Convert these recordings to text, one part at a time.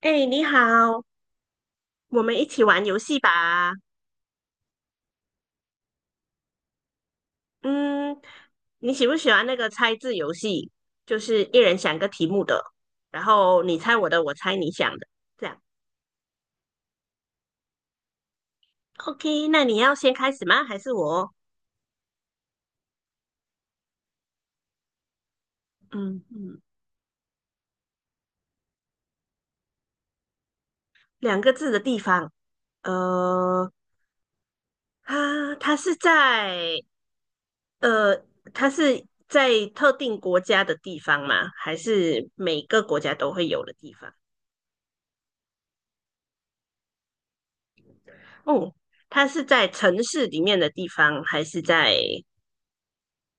哎，你好，我们一起玩游戏吧。嗯，你喜不喜欢那个猜字游戏？就是一人想个题目的，然后你猜我的，我猜你想的，这样。OK，那你要先开始吗？还是我？嗯嗯，两个字的地方，呃，它是在呃，它是在特定国家的地方吗？还是每个国家都会有的地方？哦，它是在城市里面的地方，还是在？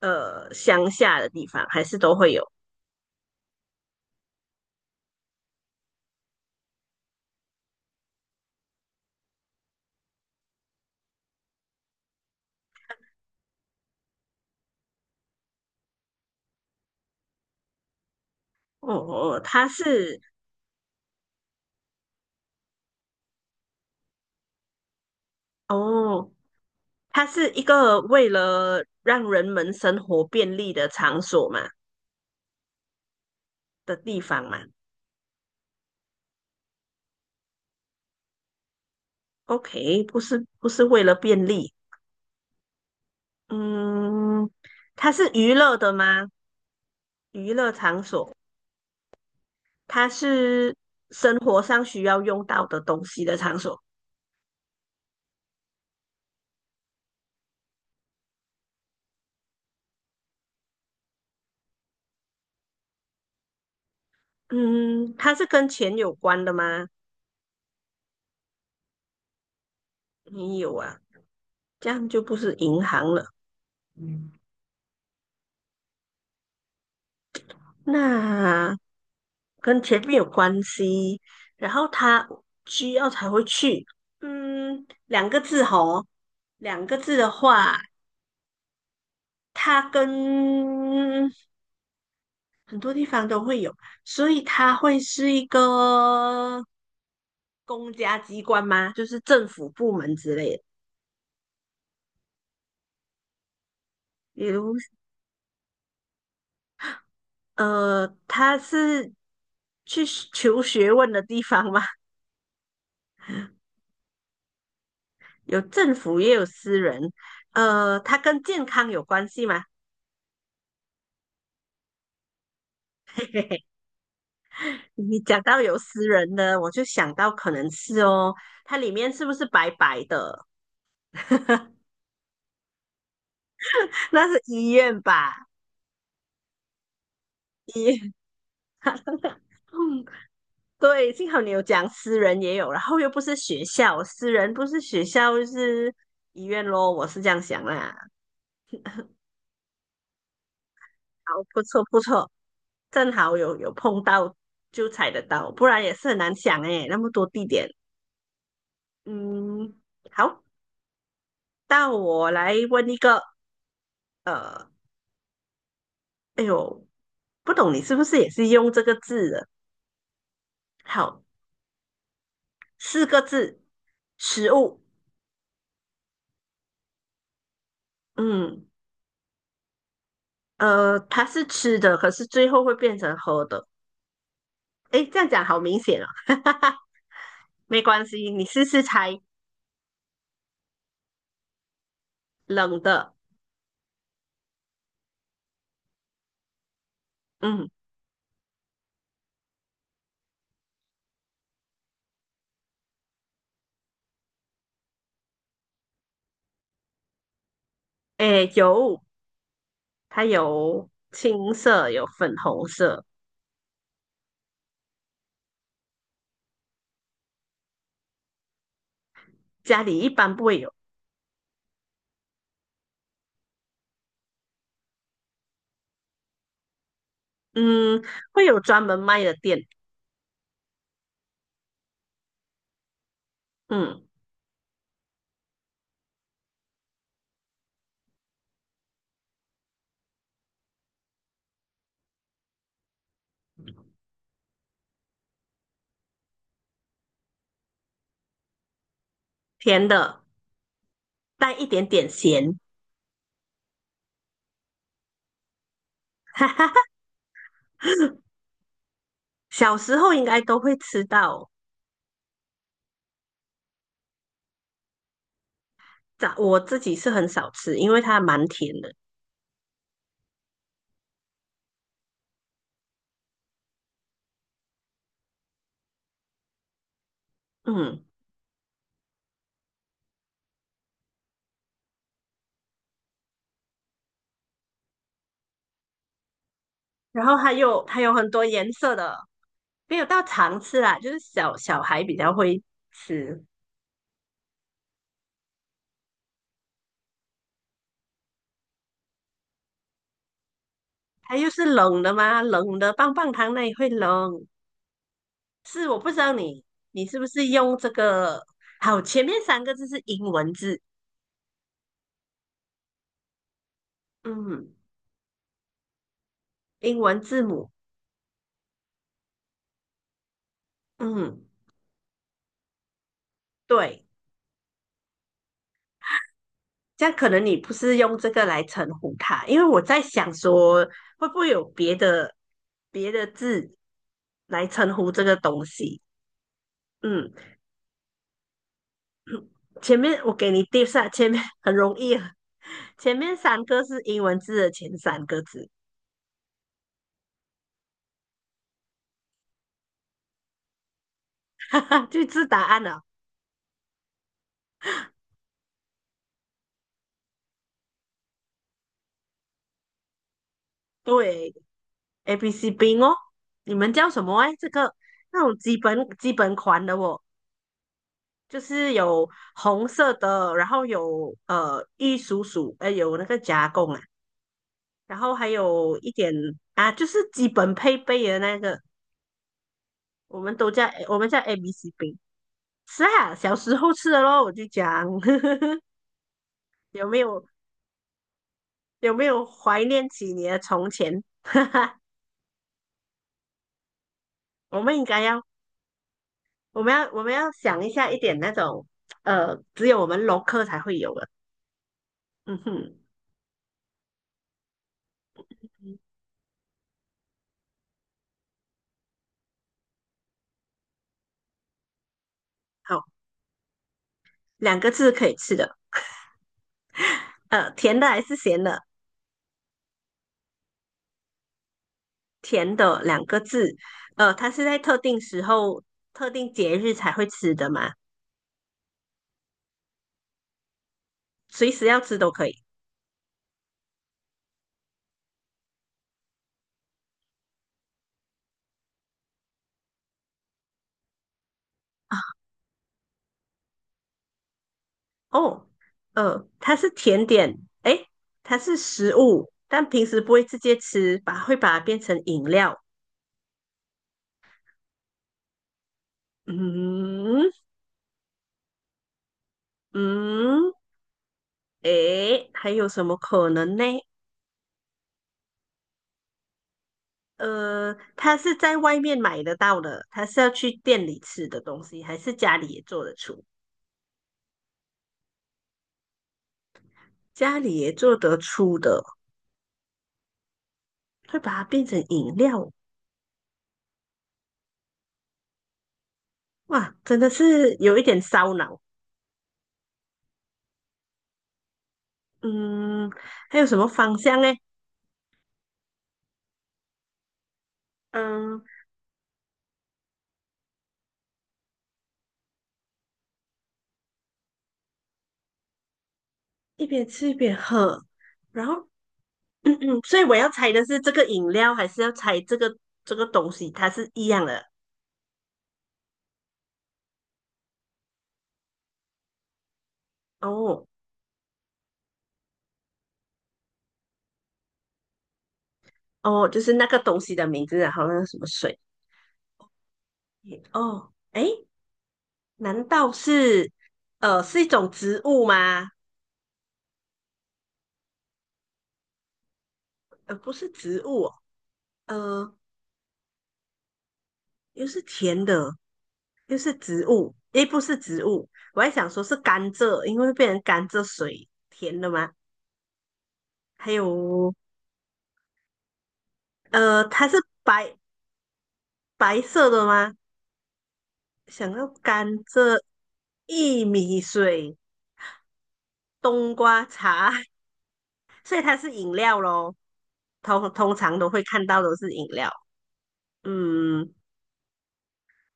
呃乡下的地方，还是都会有。哦哦，哦，它是一个为了让人们生活便利的场所嘛的地方嘛。OK，不是为了便利，嗯，它是娱乐的吗？娱乐场所，它是生活上需要用到的东西的场所。嗯，它是跟钱有关的吗？没有啊，这样就不是银行了。嗯，那跟前面有关系，然后他需要才会去。嗯，两个字吼，两个字的话，它跟很多地方都会有，所以它会是一个公家机关吗？就是政府部门之类的。比如，呃，它是去求学问的地方吗？有政府也有私人，呃，它跟健康有关系吗？你讲到有私人的，我就想到可能是哦，它里面是不是白白的？那是医院吧？医院。嗯，对，幸好你有讲私人也有，然后又不是学校，私人不是学校就是医院咯，我是这样想啦。好，不错不错，正好有碰到就踩得到，不然也是很难想诶，那么多地点。嗯，好，到我来问一个，呃，哎呦，不懂你是不是也是用这个字的？好，四个字，食物。嗯，呃，它是吃的，可是最后会变成喝的。哎，这样讲好明显哦。没关系，你试试猜，冷的。嗯，哎，有，它有青色，有粉红色，家里一般不会有。嗯，会有专门卖的店。嗯，甜的，带一点点咸，小时候应该都会吃到。早我自己是很少吃，因为它蛮甜的，嗯，然后它有很多颜色的，没有到常吃啦，就是小小孩比较会吃。它又是冷的嘛，冷的棒棒糖那也会冷。是我不知道你你是不是用这个？好，前面三个字是英文字，嗯，英文字母，嗯，对，这样可能你不是用这个来称呼它，因为我在想说会不会有别的字来称呼这个东西。嗯，前面我给你 d i 前面很容易啊 前面三个是英文字的前三个字，哈哈，就知答案了。对，A B C B 哦，你们叫什么哎？这个那种基本款的哦，就是有红色的，然后有呃玉蜀黍，呃有那个加工啊，然后还有一点啊，就是基本配备的那个，我们叫 A B C B。是啊，小时候吃的咯，我就讲 有没有有没有怀念起你的从前？我们应该要，我们要想一下一点那种呃，只有我们龙科才会有的。嗯哼，好，两个字可以吃的，呃，甜的还是咸的？甜的两个字，呃，它是在特定时候、特定节日才会吃的嘛，随时要吃都可以。哦，嗯，它是甜点，诶，它是食物，但平时不会直接吃，把会把它变成饮料。嗯嗯，诶，还有什么可能呢？呃，它是在外面买得到的，它是要去店里吃的东西，还是家里也做得出？家里也做得出的，会把它变成饮料。哇，真的是有一点烧脑。嗯，还有什么方向呢？嗯。一边吃一边喝，然后，嗯嗯，所以我要猜的是这个饮料，还是要猜这个东西，它是一样的哦哦，就是那个东西的名字啊，然后那个什么水哦，诶，难道是呃是一种植物吗？呃，不是植物哦，呃，又是甜的，又是植物，诶，不是植物，我还想说是甘蔗，因为会变成甘蔗水，甜的吗？还有呃，它是白白色的吗？想要甘蔗、薏米水、冬瓜茶，所以它是饮料咯。通通常都会看到都是饮料。嗯，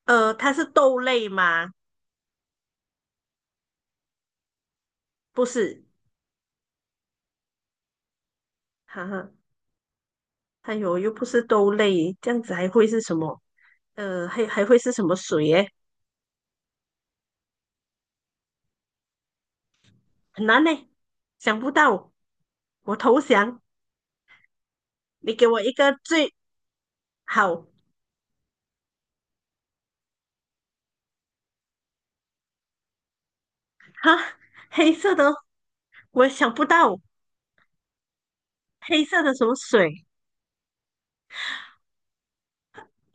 呃，它是豆类吗？不是，哈哈，哎呦，又不是豆类，这样子还会是什么？呃，还会是什么水耶？很难呢，想不到，我投降。你给我一个最好哈，黑色的，我想不到黑色的什么水，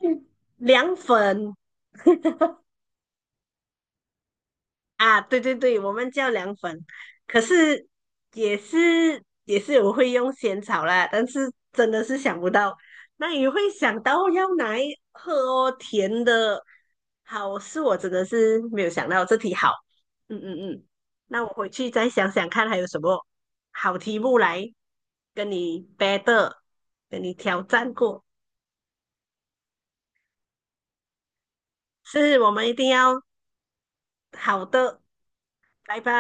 嗯凉粉。啊，对对对，我们叫凉粉，可是也是我会用仙草啦，但是真的是想不到，那也会想到要拿来喝哦，甜的，好，是我真的是没有想到这题好，嗯嗯嗯，那我回去再想想看还有什么好题目来跟你 battle，跟你挑战过，是我们一定要好的，拜拜。